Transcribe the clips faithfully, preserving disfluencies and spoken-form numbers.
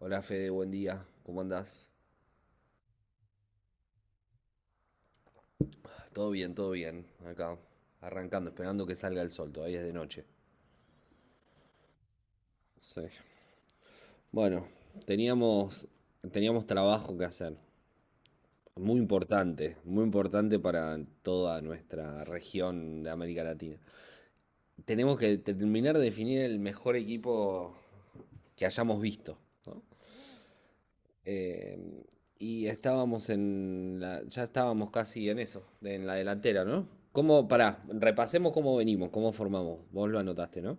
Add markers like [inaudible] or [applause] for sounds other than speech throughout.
Hola Fede, buen día, ¿cómo andás? Todo bien, todo bien, acá, arrancando, esperando que salga el sol, todavía es de noche. Sí. Bueno, teníamos, teníamos trabajo que hacer, muy importante, muy importante para toda nuestra región de América Latina. Tenemos que terminar de definir el mejor equipo que hayamos visto, ¿no? Eh, y estábamos en la, ya estábamos casi en eso, de- en la delantera, ¿no? ¿Cómo, pará, repasemos cómo venimos, cómo formamos? Vos lo anotaste, ¿no?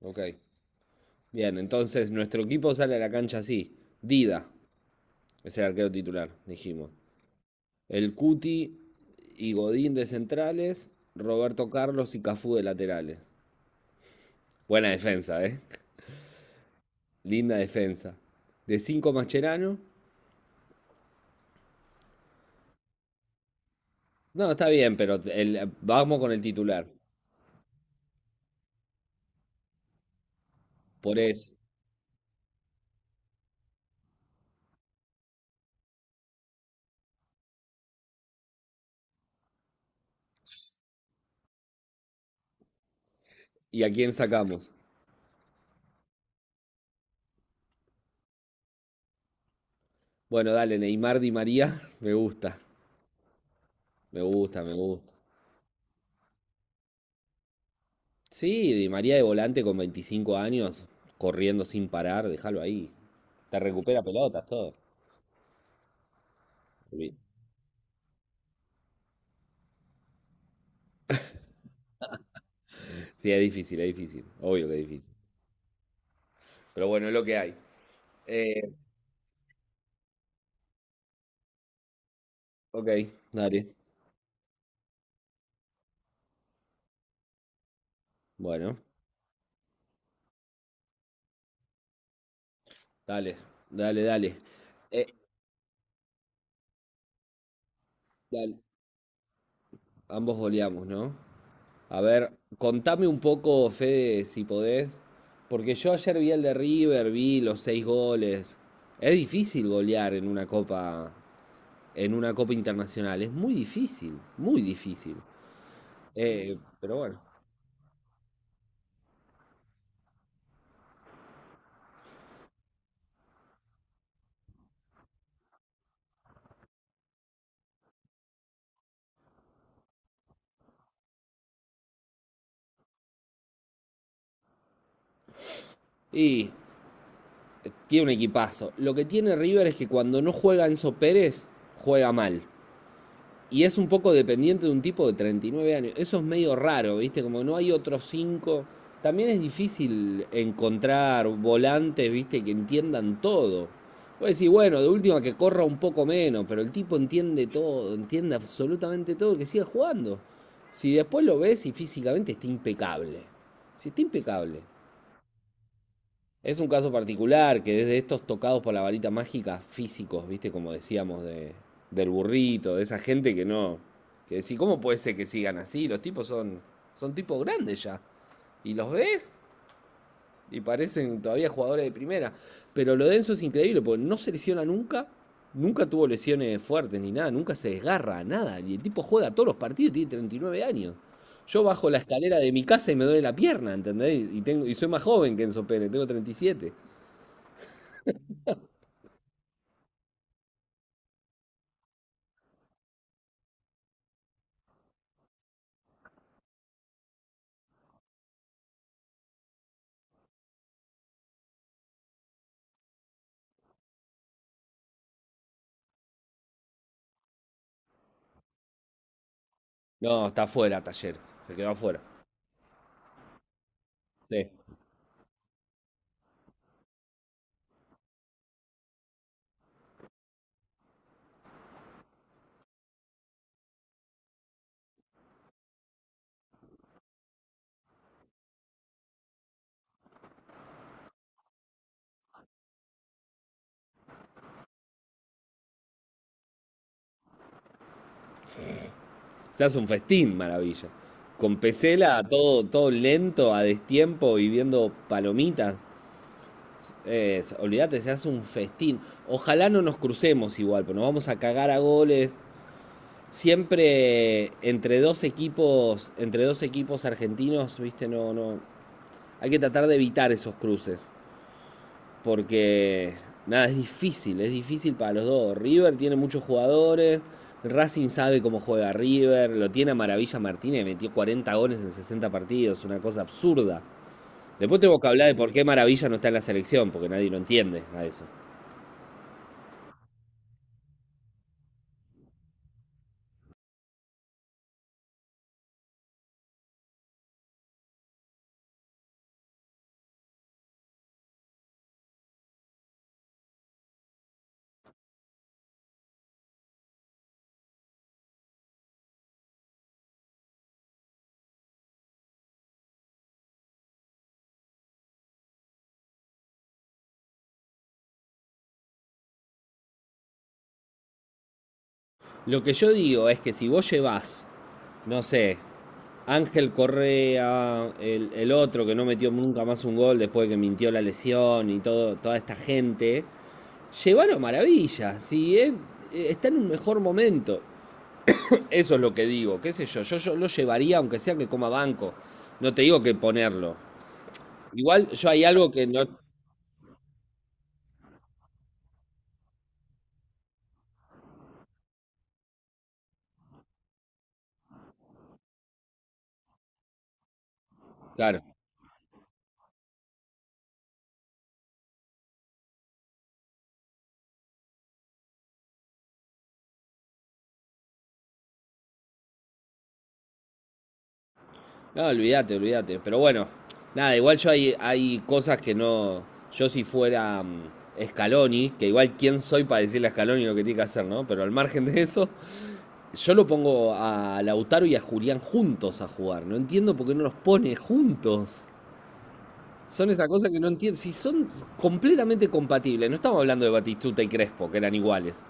Ok. Bien, entonces nuestro equipo sale a la cancha así. Dida es el arquero titular, dijimos. El Cuti y Godín de centrales, Roberto Carlos y Cafú de laterales. Buena defensa, ¿eh? [laughs] Linda defensa. De cinco Mascherano. No, está bien, pero el- vamos con el titular. Por eso. ¿Y a quién sacamos? Bueno, dale, Neymar Di María. [laughs] Me gusta, me gusta, me gusta. Sí, Di María de volante con veinticinco años, corriendo sin parar, déjalo ahí. Te recupera pelotas, todo. Sí, es difícil, es difícil. Obvio que es difícil. Pero bueno, es lo que hay. Eh, ok, dale. Bueno, dale, dale, dale. Eh, Dale. Ambos goleamos, ¿no? A ver, contame un poco, Fede, si podés, porque yo ayer vi el de River, vi los seis goles. Es difícil golear en una copa, en una copa internacional. Es muy difícil, muy difícil. Eh, pero bueno. Y tiene un equipazo. Lo que tiene River es que cuando no juega Enzo Pérez, juega mal. Y es un poco dependiente de un tipo de treinta y nueve años. Eso es medio raro, ¿viste? Como no hay otros cinco. También es difícil encontrar volantes, ¿viste? Que entiendan todo. Puedes decir, bueno, de última que corra un poco menos, pero el tipo entiende todo, entiende absolutamente todo, que siga jugando. Si después lo ves y físicamente está impecable. Si está impecable. Es un caso particular que desde estos tocados por la varita mágica físicos, viste, como decíamos, de, del burrito, de esa gente que no. Que decís, ¿cómo puede ser que sigan así? Los tipos son, son tipos grandes ya. Y los ves y parecen todavía jugadores de primera. Pero lo denso es increíble porque no se lesiona nunca. Nunca tuvo lesiones fuertes ni nada, nunca se desgarra nada. Y el tipo juega todos los partidos, y tiene treinta y nueve años. Yo bajo la escalera de mi casa y me duele la pierna, ¿entendés? Y, tengo, y soy más joven que Enzo Pérez, tengo treinta y siete. No, está fuera. Talleres. Se quedó afuera. Sí. Se hace un festín, maravilla. Con Pesela, todo, todo lento, a destiempo y viendo palomitas. Es- olvídate, se hace un festín. Ojalá no nos crucemos igual, pero nos vamos a cagar a goles. Siempre entre dos equipos, entre dos equipos argentinos, viste, no, no. Hay que tratar de evitar esos cruces. Porque nada, es difícil, es difícil para los dos. River tiene muchos jugadores, Racing sabe cómo juega River, lo tiene a Maravilla Martínez, metió cuarenta goles en sesenta partidos, una cosa absurda. Después tengo que hablar de por qué Maravilla no está en la selección, porque nadie lo entiende a eso. Lo que yo digo es que si vos llevas, no sé, Ángel Correa, el, el otro que no metió nunca más un gol después de que mintió la lesión y todo, toda esta gente, llévalo a maravilla, si es- está en un mejor momento. Eso es lo que digo, qué sé yo, yo, yo lo llevaría aunque sea que coma banco, no te digo que ponerlo. Igual yo hay algo que no, claro, no, olvídate, olvídate, pero bueno, nada, igual yo hay, hay cosas que no, yo si fuera mm, Scaloni, que igual quién soy para decirle a Scaloni lo que tiene que hacer, ¿no? Pero al margen de eso, yo lo pongo a Lautaro y a Julián juntos a jugar, no entiendo por qué no los pone juntos. Son esa cosa que no entiendo. Si son completamente compatibles, no estamos hablando de Batistuta y Crespo, que eran iguales.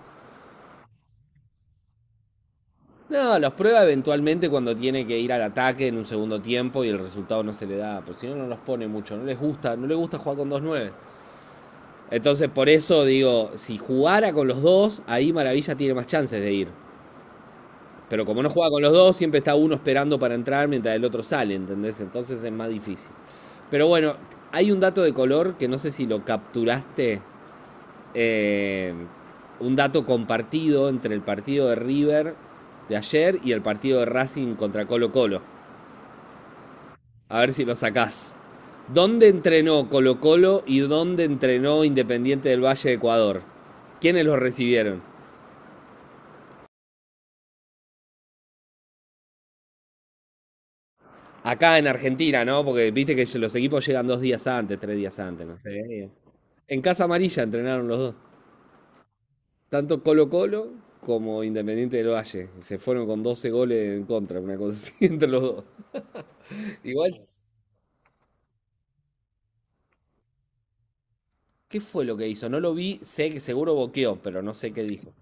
No, los prueba eventualmente cuando tiene que ir al ataque en un segundo tiempo y el resultado no se le da. Pero si no, no los pone mucho. No les gusta, no les gusta jugar con dos nueves. Entonces, por eso digo, si jugara con los dos, ahí Maravilla tiene más chances de ir. Pero como no juega con los dos, siempre está uno esperando para entrar mientras el otro sale, ¿entendés? Entonces es más difícil. Pero bueno, hay un dato de color que no sé si lo capturaste, eh, un dato compartido entre el partido de River de ayer y el partido de Racing contra Colo Colo. A ver si lo sacás. ¿Dónde entrenó Colo Colo y dónde entrenó Independiente del Valle de Ecuador? ¿Quiénes los recibieron? Acá en Argentina, ¿no? Porque viste que los equipos llegan dos días antes, tres días antes, no sé. En Casa Amarilla entrenaron los dos. Tanto Colo Colo como Independiente del Valle. Se fueron con doce goles en contra, una cosa así [laughs] entre los dos. Igual, ¿qué fue lo que hizo? No lo vi, sé que seguro boqueó, pero no sé qué dijo.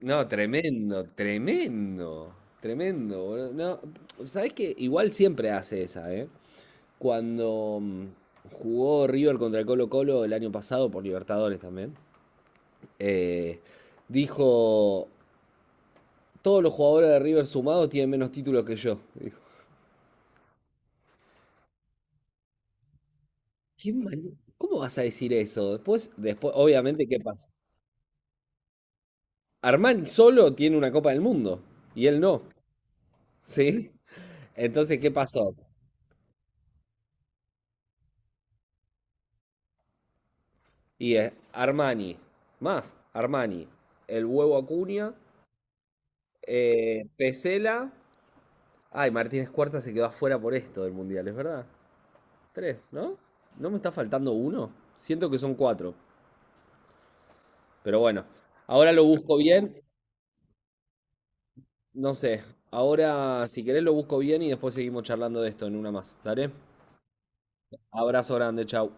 No, tremendo, tremendo, tremendo, boludo. No, ¿sabés qué? Igual siempre hace esa, ¿eh? Cuando mm, jugó River contra el Colo Colo el año pasado por Libertadores también, eh, dijo, todos los jugadores de River sumados tienen menos títulos que yo. Dijo, "¿Qué mani- ¿Cómo vas a decir eso?" Después, después, obviamente, ¿qué pasa? Armani solo tiene una Copa del Mundo y él no, ¿sí? Entonces, ¿qué pasó? Y es Armani, más Armani, el huevo Acuña, eh, Pesela. Ay, Martínez Cuarta se quedó afuera por esto del mundial, es verdad. Tres, ¿no? ¿No me está faltando uno? Siento que son cuatro. Pero bueno, ahora lo busco bien. No sé, ahora si querés lo busco bien y después seguimos charlando de esto en una más. ¿Dale? Abrazo grande, chau.